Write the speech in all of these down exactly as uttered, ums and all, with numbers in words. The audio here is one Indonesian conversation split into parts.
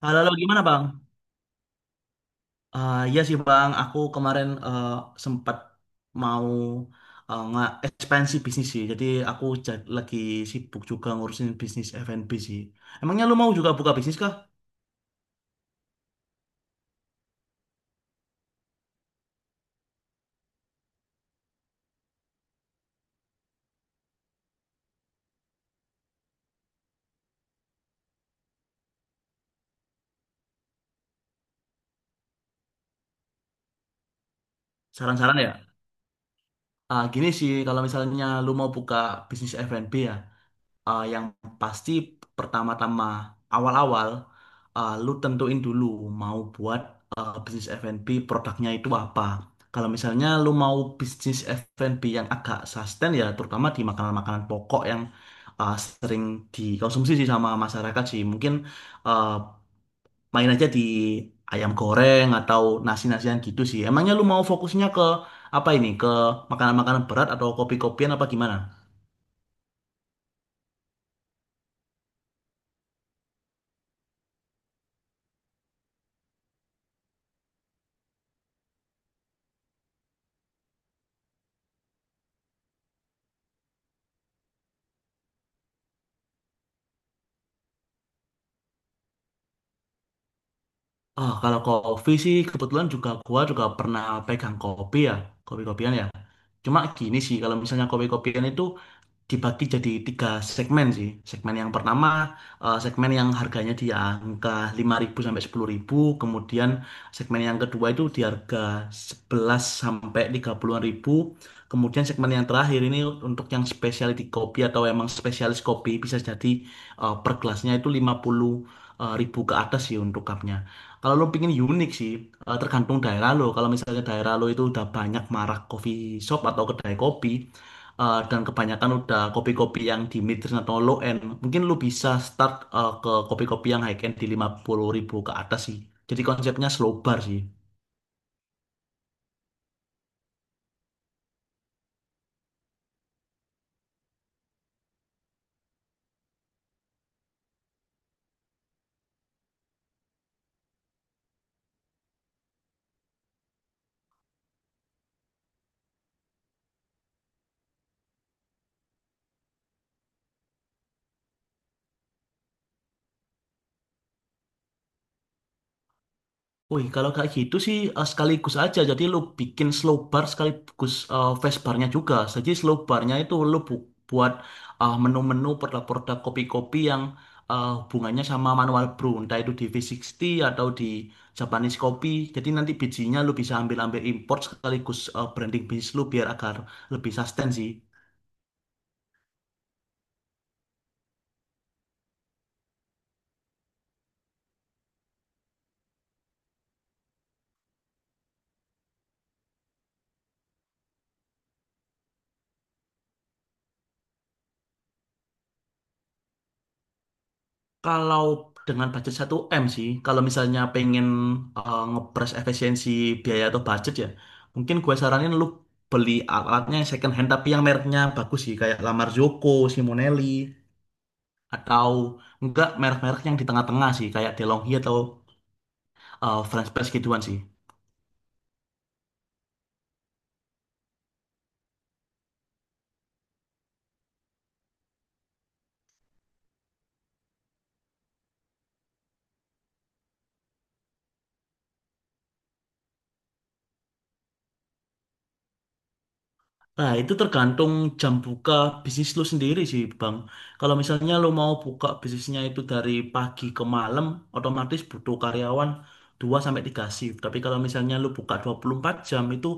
Halo, halo, gimana Bang? Eh ya sih Bang, aku kemarin eh, sempat mau eh, nge- ekspansi bisnis sih. Jadi aku ja- lagi sibuk juga ngurusin bisnis F and B sih. Emangnya lu mau juga buka bisnis kah? Saran-saran ya? Ah, gini sih, kalau misalnya lu mau buka bisnis F and B ya, eh, yang pasti pertama-tama awal-awal eh, lu tentuin dulu mau buat eh, bisnis F and B produknya itu apa. Kalau misalnya lu mau bisnis F and B yang agak sustain ya terutama di makanan-makanan pokok yang eh, sering dikonsumsi sih sama masyarakat sih. Mungkin eh, main aja di ayam goreng atau nasi-nasian gitu sih. Emangnya lu mau fokusnya ke apa ini? Ke makanan-makanan berat atau kopi-kopian apa gimana? Ah, kalau kopi sih kebetulan juga gua juga pernah pegang kopi ya, kopi-kopian ya. Cuma gini sih, kalau misalnya kopi-kopian itu dibagi jadi tiga segmen sih. Segmen yang pertama, eh, segmen yang harganya di angka lima ribu sampai sepuluh ribu kemudian segmen yang kedua itu di harga sebelas sampai tiga puluhan-an ribu. Kemudian segmen yang terakhir ini untuk yang specialty kopi atau emang spesialis kopi bisa jadi eh, per gelasnya itu lima puluh ribu ke atas sih untuk cupnya. Kalau lo pingin unik sih, eh, tergantung daerah lo. Kalau misalnya daerah lo itu udah banyak marak coffee shop atau kedai kopi, eh, dan kebanyakan udah kopi-kopi yang di mid-range atau low-end, mungkin lu bisa start eh, ke kopi-kopi yang high-end di lima puluh ribu ke atas sih. Jadi konsepnya slow bar sih. Wih, kalau kayak gitu sih eh, sekaligus aja. Jadi lu bikin slow bar sekaligus eh, fast barnya juga. Jadi slow barnya itu lu bu- buat eh, menu-menu produk-produk kopi-kopi yang eh, hubungannya sama manual brew. Entah itu di V sixty atau di Japanese Coffee. Jadi nanti bijinya lu bisa ambil-ambil import sekaligus eh, branding bisnis lu biar agar lebih sustain sih. Kalau dengan budget satu m sih, kalau misalnya pengen eh, ngepres efisiensi biaya atau budget ya, mungkin gue saranin lu beli alatnya yang second hand tapi yang mereknya bagus sih, kayak La Marzocco, Simonelli, atau enggak merek-merek yang di tengah-tengah sih, kayak DeLonghi atau eh, French Press gituan sih. Nah, itu tergantung jam buka bisnis lu sendiri sih, Bang. Kalau misalnya lu mau buka bisnisnya itu dari pagi ke malam, otomatis butuh karyawan dua sampai tiga shift. Tapi kalau misalnya lu buka dua puluh empat jam itu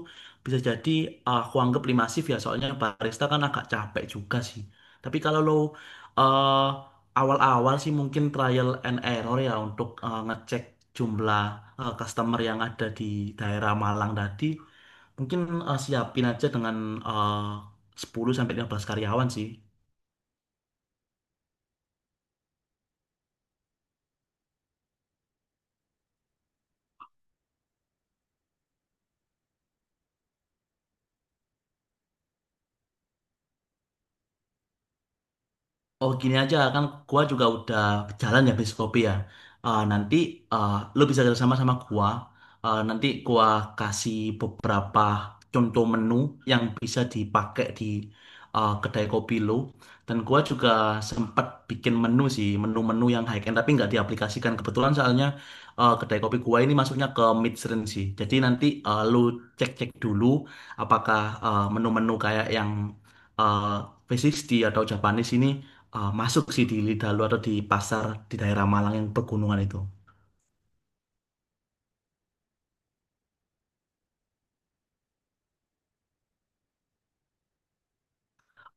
bisa jadi aku anggap lima shift ya, soalnya barista kan agak capek juga sih. Tapi kalau lu eh, awal-awal sih mungkin trial and error ya untuk eh, ngecek jumlah eh, customer yang ada di daerah Malang tadi. Mungkin eh, siapin aja dengan eh, sepuluh sampai lima belas karyawan sih. Oh gini aja kan gua juga udah jalan ya bis kopi ya. Eh, nanti eh, lu bisa kerjasama sama gua. Eh, nanti gua kasih beberapa contoh menu yang bisa dipakai di eh, kedai kopi lu. Dan gua juga sempat bikin menu sih, menu-menu yang high end tapi nggak diaplikasikan. Kebetulan soalnya eh, kedai kopi gua ini masuknya ke mid range sih. Jadi nanti eh, lu cek-cek dulu apakah eh, menu-menu kayak yang eh, V sixty atau Japanese ini eh, masuk sih di Lidalu atau di pasar di daerah Malang yang pegunungan itu.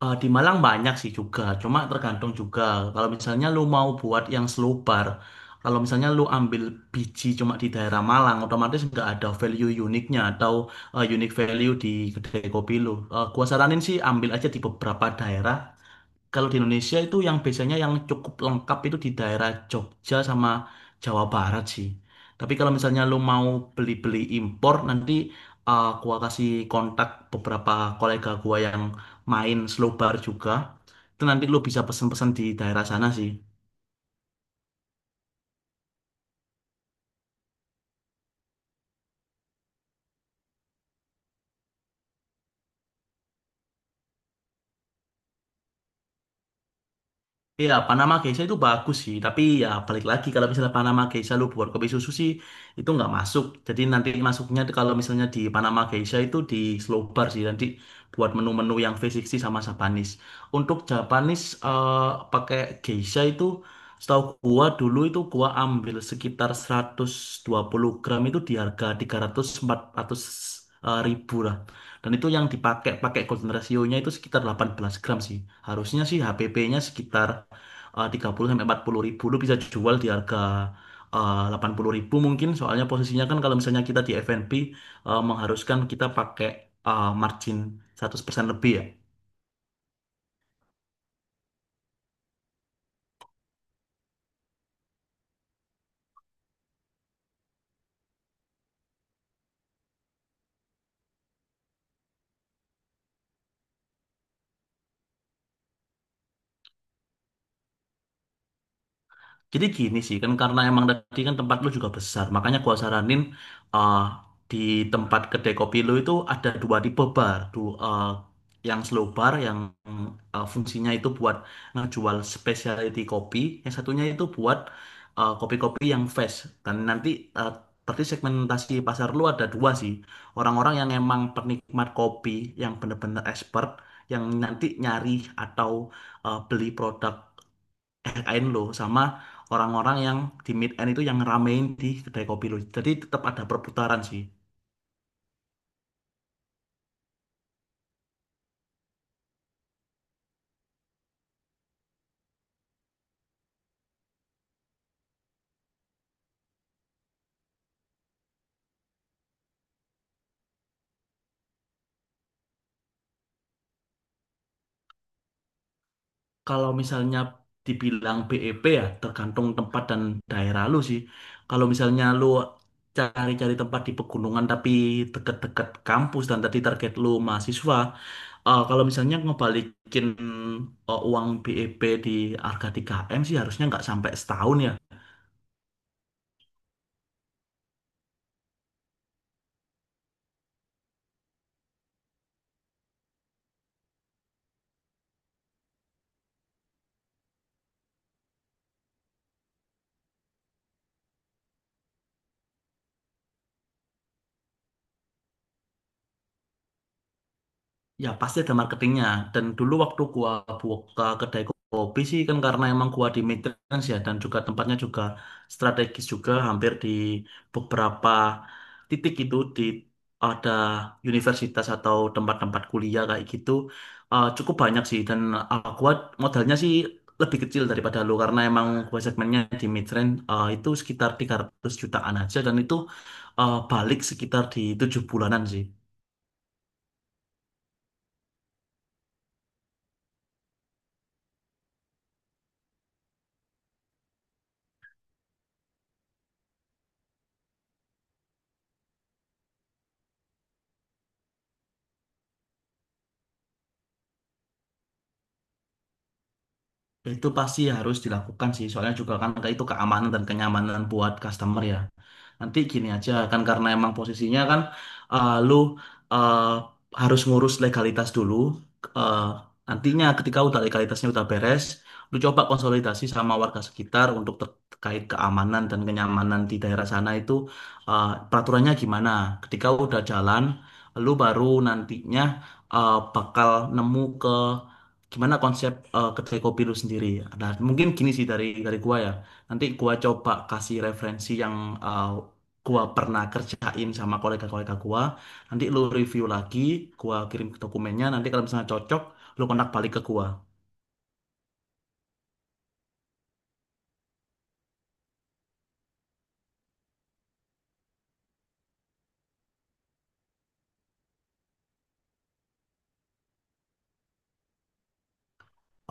Eh, di Malang banyak sih juga, cuma tergantung juga. Kalau misalnya lu mau buat yang selobar, kalau misalnya lu ambil biji cuma di daerah Malang, otomatis nggak ada value uniknya atau eh, unique value di kedai kopi lu. Eh, gua saranin sih ambil aja di beberapa daerah. Kalau di Indonesia itu yang biasanya yang cukup lengkap itu di daerah Jogja sama Jawa Barat sih. Tapi kalau misalnya lu mau beli-beli impor, nanti uh, gua kasih kontak beberapa kolega gua yang main slow bar juga. Itu nanti lu bisa pesen-pesen di daerah sana sih. Iya, Panama Geisha itu bagus sih, tapi ya balik lagi kalau misalnya Panama Geisha lu buat kopi susu sih itu nggak masuk. Jadi nanti masuknya tuh kalau misalnya di Panama Geisha itu di slow bar sih nanti buat menu-menu yang V enam puluh sama Japanese. Untuk Japanese eh, pakai Geisha itu setahu gua dulu itu gua ambil sekitar seratus dua puluh gram itu di harga tiga ratus sampai empat ratus eh, ribu lah. Dan itu yang dipakai pakai golden ratio-nya itu sekitar delapan belas gram sih. Harusnya sih H P P-nya sekitar eh, tiga 30 sampai empat puluh ribu lu bisa jual di harga eh, delapan 80 ribu mungkin soalnya posisinya kan kalau misalnya kita di F and B eh, mengharuskan kita pakai eh, margin seratus persen lebih ya. Jadi gini sih, kan karena emang tadi kan tempat lu juga besar, makanya gua saranin uh, di tempat kedai kopi lu itu ada dua tipe bar, dua, uh, yang slow bar yang uh, fungsinya itu buat ngejual specialty kopi, yang satunya itu buat uh, kopi-kopi yang fresh. Dan nanti uh, berarti segmentasi pasar lu ada dua sih, orang-orang yang emang penikmat kopi, yang bener-bener expert, yang nanti nyari atau uh, beli produk kain lo sama orang-orang yang di mid end itu yang ngeramein di kedai kopi lo. Jadi tetap ada perputaran sih. Kalau misalnya dibilang B E P ya tergantung tempat dan daerah lu sih. Kalau misalnya lu cari-cari tempat di pegunungan tapi deket-deket kampus dan tadi target lu mahasiswa, eh, kalau misalnya ngebalikin eh, uang B E P di harga tiga M sih harusnya nggak sampai setahun ya. Ya pasti ada marketingnya dan dulu waktu gua buka kedai kopi sih kan karena emang gua di maintenance ya dan juga tempatnya juga strategis juga hampir di beberapa titik itu di ada universitas atau tempat-tempat kuliah kayak gitu eh, cukup banyak sih dan eh, gua modalnya sih lebih kecil daripada lu karena emang gua segmennya di midrange eh, itu sekitar tiga ratus jutaan aja dan itu eh, balik sekitar di tujuh bulanan sih. Itu pasti harus dilakukan sih, soalnya juga kan itu keamanan dan kenyamanan buat customer ya. Nanti gini aja kan karena emang posisinya kan eh, lu eh, harus ngurus legalitas dulu. Eh, Nantinya ketika udah legalitasnya udah beres, lu coba konsolidasi sama warga sekitar untuk terkait keamanan dan kenyamanan di daerah sana itu eh, peraturannya gimana. Ketika udah jalan, lu baru nantinya eh, bakal nemu ke gimana konsep eh, kedai kopi lu sendiri. Nah, mungkin gini sih dari dari gua ya. Nanti gua coba kasih referensi yang eh, gua pernah kerjain sama kolega-kolega gua. Nanti lu review lagi, gua kirim dokumennya. Nanti kalau misalnya cocok, lu kontak balik ke gua.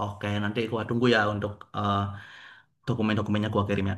Oke, nanti gua tunggu ya untuk eh, dokumen-dokumennya gua kirim ya.